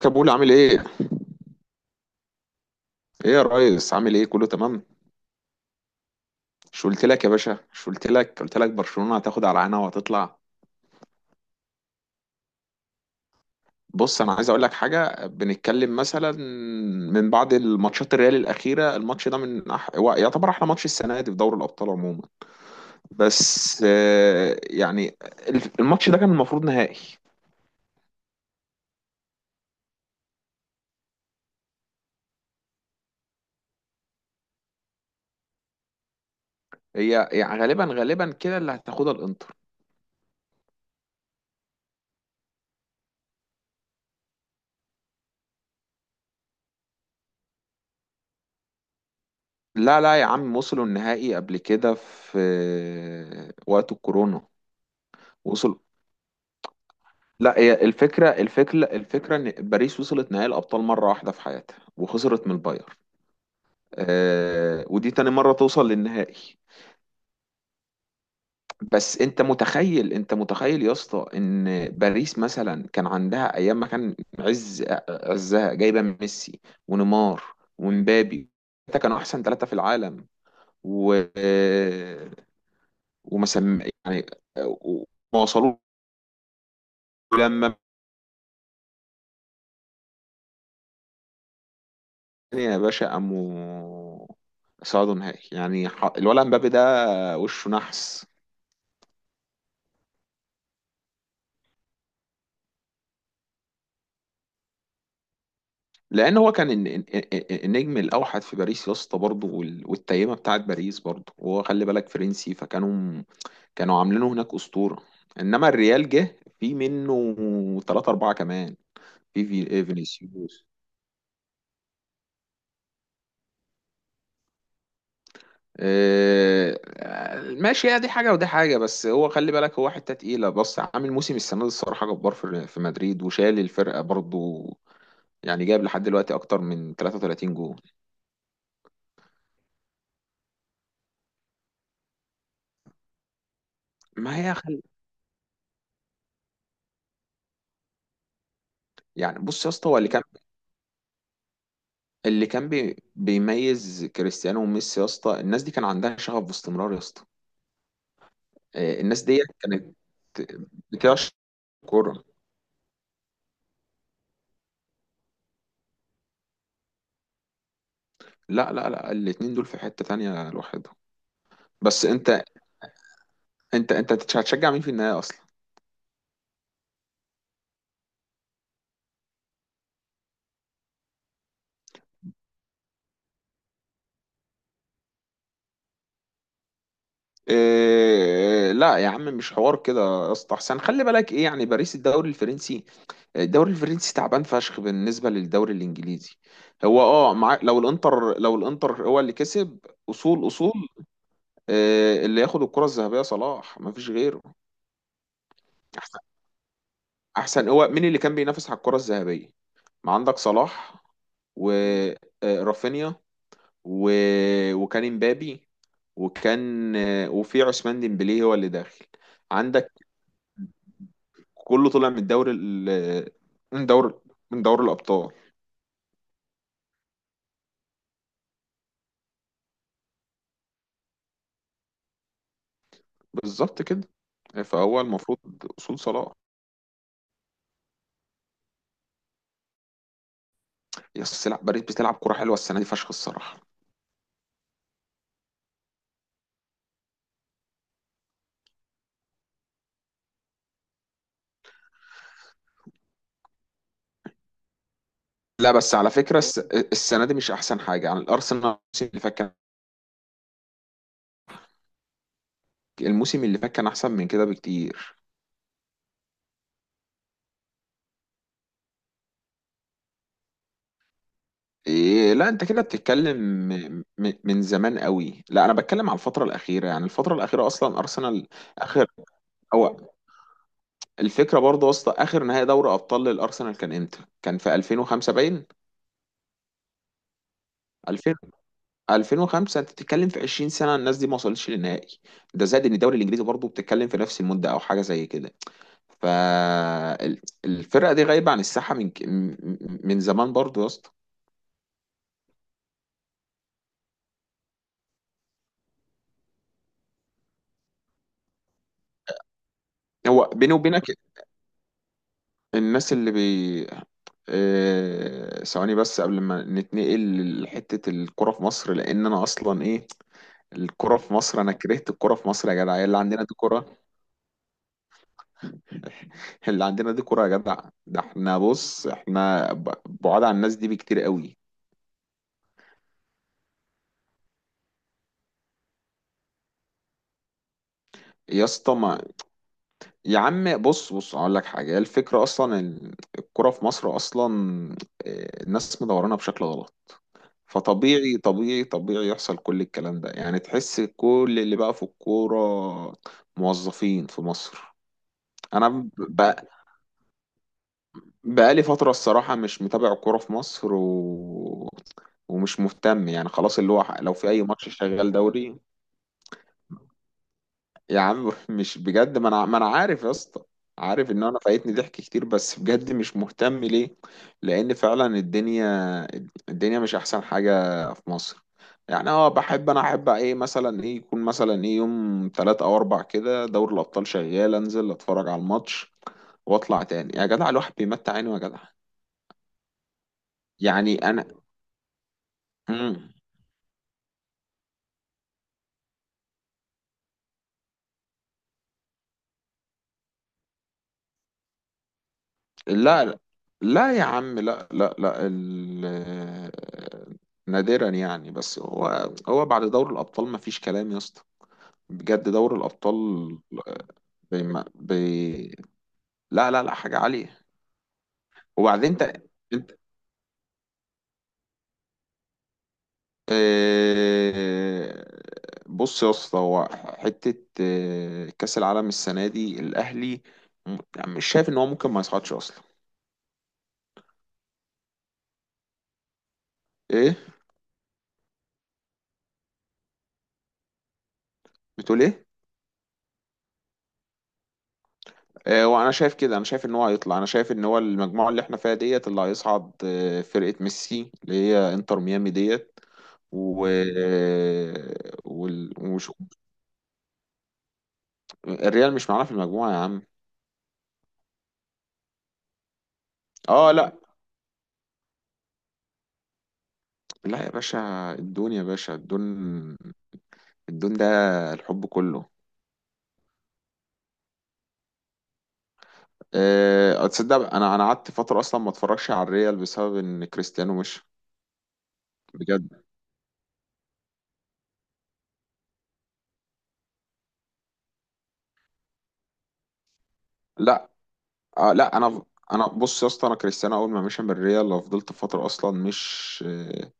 كابول عامل ايه؟ ايه يا ريس، عامل ايه، كله تمام؟ مش قلت لك يا باشا؟ مش قلت لك برشلونة هتاخد على عينها وهتطلع. بص، انا عايز اقول لك حاجة، بنتكلم مثلا من بعد الماتشات الريال الأخيرة، الماتش ده هو يعتبر احلى ماتش السنة دي في دوري الأبطال عموما. بس يعني الماتش ده كان المفروض نهائي. هي يعني غالبا غالبا كده اللي هتاخدها الانتر. لا لا يا عم، وصلوا النهائي قبل كده في وقت الكورونا. وصل. لا، هي الفكرة إن باريس وصلت نهائي الأبطال مرة واحدة في حياتها وخسرت من البايرن. ودي تاني مرة توصل للنهائي. بس أنت متخيل، يا اسطى، إن باريس مثلا كان عندها أيام ما كان عزها جايبة ميسي ونيمار ومبابي. ثلاثة كانوا أحسن ثلاثة في العالم. و آه، وما سم يعني آه، وما وصلوا. لما، يا باشا، قاموا صعدوا نهائي، يعني الولد مبابي ده وشه نحس. لان هو كان النجم الاوحد في باريس يا اسطى برضه، والتيمه بتاعت باريس برضه، وهو خلي بالك فرنسي، فكانوا عاملينه هناك اسطوره. انما الريال جه في منه ثلاثة أربعة كمان. في في آه، فينيسيوس. آه، ماشي، هي دي حاجة ودي حاجة. بس هو خلي بالك، هو حتة تقيلة. بص، عامل موسم السنة دي الصراحة جبار في مدريد وشال الفرقة برضو. يعني جايب لحد دلوقتي اكتر من 33 جول. ما هي خل... يعني بص يا اسطى، هو اللي كان، بيميز كريستيانو وميسي يا اسطى، الناس دي كان عندها شغف باستمرار يا اسطى. الناس دي كانت بتعشق كوره. لا لا لا، الاتنين دول في حتة تانية لوحدهم. بس انت، انت هتشجع مين في النهاية اصلا؟ إيه لا يا عم، مش حوار كده يا اسطى احسن، خلي بالك ايه يعني. باريس الدوري الفرنسي، الدوري الفرنسي تعبان فشخ بالنسبه للدوري الانجليزي. هو، اه، مع لو الانتر، هو اللي كسب. اصول، اللي ياخد الكره الذهبيه صلاح، ما فيش غيره. احسن، هو مين اللي كان بينافس على الكره الذهبيه؟ ما عندك صلاح، ورافينيا، و... وكان امبابي، وكان وفي عثمان ديمبلي هو اللي داخل. عندك كله طلع من من دور من دوري الابطال. بالظبط كده. فهو المفروض اصول صلاح. يا أصل لا، باريس بتلعب كرة حلوه السنه دي فشخ الصراحه. لا بس على فكره، السنه دي مش احسن حاجه يعني الارسنال، الموسم اللي فات كان، الموسم اللي فات كان احسن من كده بكتير. إيه لا، انت كده بتتكلم من زمان قوي. لا انا بتكلم على الفتره الاخيره، يعني الفتره الاخيره اصلا ارسنال. اخر، هو الفكره برضه يا اسطى، اخر نهائي دوري ابطال للارسنال كان امتى؟ كان في 2005 باين. 2005 انت بتتكلم في 20 سنه الناس دي ما وصلتش للنهائي. ده زائد ان الدوري الانجليزي برضه بتتكلم في نفس المده او حاجه زي كده. فالفرقه دي غايبه عن الساحه من ك- م- م- من زمان برضه يا اسطى. هو بيني وبينك، الناس اللي بي آه، ثواني بس، قبل ما نتنقل لحته الكره في مصر، لان انا اصلا ايه، الكره في مصر، انا كرهت الكره في مصر يا جدع. هي اللي عندنا دي كره؟ اللي عندنا دي كره يا جدع؟ ده احنا بص، احنا بعاد عن الناس دي بكتير قوي يا اسطى. ما يا عم بص، هقول لك حاجه. هي الفكره اصلا ان الكوره في مصر اصلا، الناس مدورانها بشكل غلط. فطبيعي طبيعي طبيعي يحصل كل الكلام ده، يعني تحس كل اللي بقى في الكوره موظفين في مصر. انا بقى، بقالي فتره الصراحه مش متابع الكوره في مصر ومش مهتم يعني، خلاص اللي هو لو في اي ماتش شغال دوري. يا عم مش بجد، ما انا عارف يا اسطى، عارف ان انا فايتني ضحك كتير، بس بجد مش مهتم ليه. لان فعلا الدنيا، الدنيا مش احسن حاجة في مصر. يعني اه، بحب انا، احب ايه مثلا، ايه يكون مثلا ايه يوم تلات او اربع كده، دوري الابطال شغال، انزل اتفرج على الماتش واطلع تاني يا جدع. الواحد بيمتع عينه يا جدع. يعني انا. مم. لا لا يا عم، لا لا لا نادرا يعني. بس هو، بعد دوري الأبطال ما فيش كلام يا اسطى. بجد دوري الأبطال. بما بي... لا لا لا، حاجة عالية. وبعدين انت، انت آه، بص يا اسطى، هو حتة كأس العالم السنة دي الأهلي، يعني مش شايف إن هو ممكن ما يصعدش أصلا. إيه بتقول إيه. وانا شايف كده، انا شايف ان هو هيطلع، انا شايف ان هو المجموعه اللي احنا فيها ديت اللي هيصعد، فرقه ميسي اللي هي انتر ميامي ديت. و آه، الريال مش معانا في المجموعه يا عم. اه لا، لا يا باشا، الدون، يا باشا الدون، الدون ده الحب كله. تصدق انا، قعدت فتره اصلا ما اتفرجش على الريال بسبب ان كريستيانو مش. بجد. لا، لا انا، بص يا اسطى، انا كريستيانو اول ما مشى من الريال فضلت فتره اصلا مش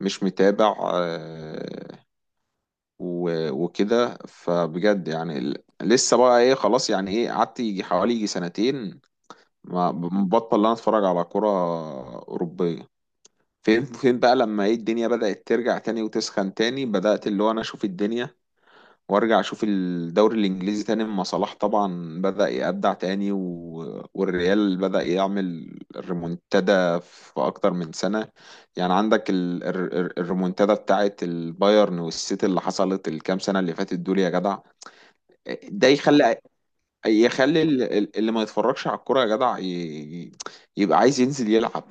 مش متابع وكده. فبجد يعني لسه بقى ايه خلاص، يعني ايه، قعدت يجي حوالي يجي سنتين. ما بطل ان انا اتفرج على كرة اوروبية. فين، بقى لما ايه الدنيا بدأت ترجع تاني وتسخن تاني، بدأت اللي هو انا اشوف الدنيا، وارجع اشوف الدوري الانجليزي تاني اما صلاح طبعا بدأ يبدع تاني، والريال بدأ يعمل ريمونتادا في اكتر من سنة. يعني عندك الريمونتادا بتاعت البايرن والسيتي اللي حصلت الكام سنة اللي فاتت دول يا جدع. ده يخلي، اللي ما يتفرجش على الكورة يا جدع، يبقى عايز ينزل يلعب.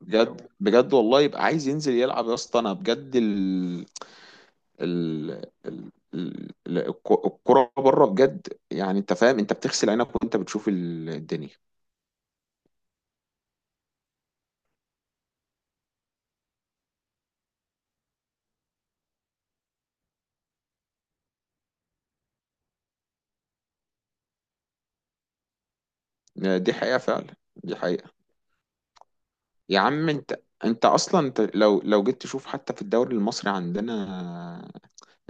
بجد بجد والله يبقى عايز ينزل يلعب يا اسطى، انا بجد. ال... الكرة بره بجد يعني، انت فاهم، انت بتغسل عينك وانت بتشوف الدنيا. دي حقيقة فعلا، دي حقيقة. يا عم انت، انت اصلا لو جيت تشوف حتى في الدوري المصري عندنا،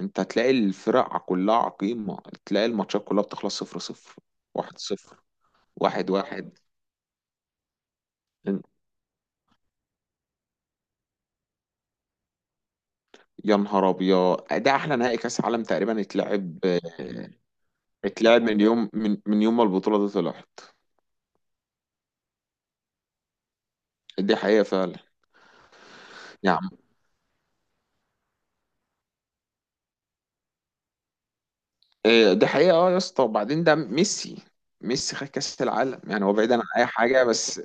انت هتلاقي الفرق كلها عقيمة، تلاقي الماتشات كلها بتخلص صفر صفر، واحد صفر، واحد واحد. يا نهار ابيض، ده احلى نهائي كاس عالم تقريبا اتلعب، من يوم، من يوم ما البطولة دي طلعت. دي حقيقة فعلا يا. إيه، ده حقيقة اه يا اسطى. وبعدين ده ميسي، ميسي خد كأس العالم، يعني هو بعيدا عن أي حاجة. بس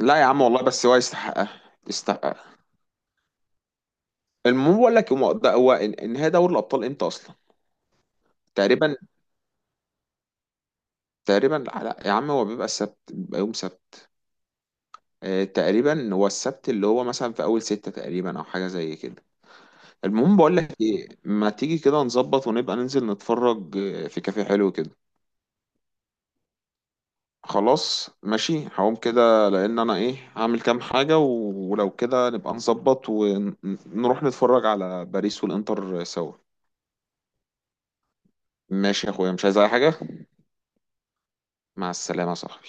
لا يا عم والله، بس هو يستحقها، يستحقها. المهم بقول لك، هو ده، هو النهاية دوري الأبطال إمتى أصلا؟ تقريبا. تقريبا لا يا عم، هو بيبقى السبت، بيبقى يوم سبت. تقريبا هو السبت اللي هو مثلا في أول ستة تقريبا أو حاجة زي كده. المهم بقول لك إيه، ما تيجي كده نظبط ونبقى ننزل نتفرج في كافيه حلو كده. خلاص ماشي، هقوم كده لان انا ايه هعمل كام حاجة، ولو كده نبقى نظبط ونروح نتفرج على باريس والانتر سوا. ماشي يا اخويا، مش عايز اي حاجة. مع السلامة يا صاحبي.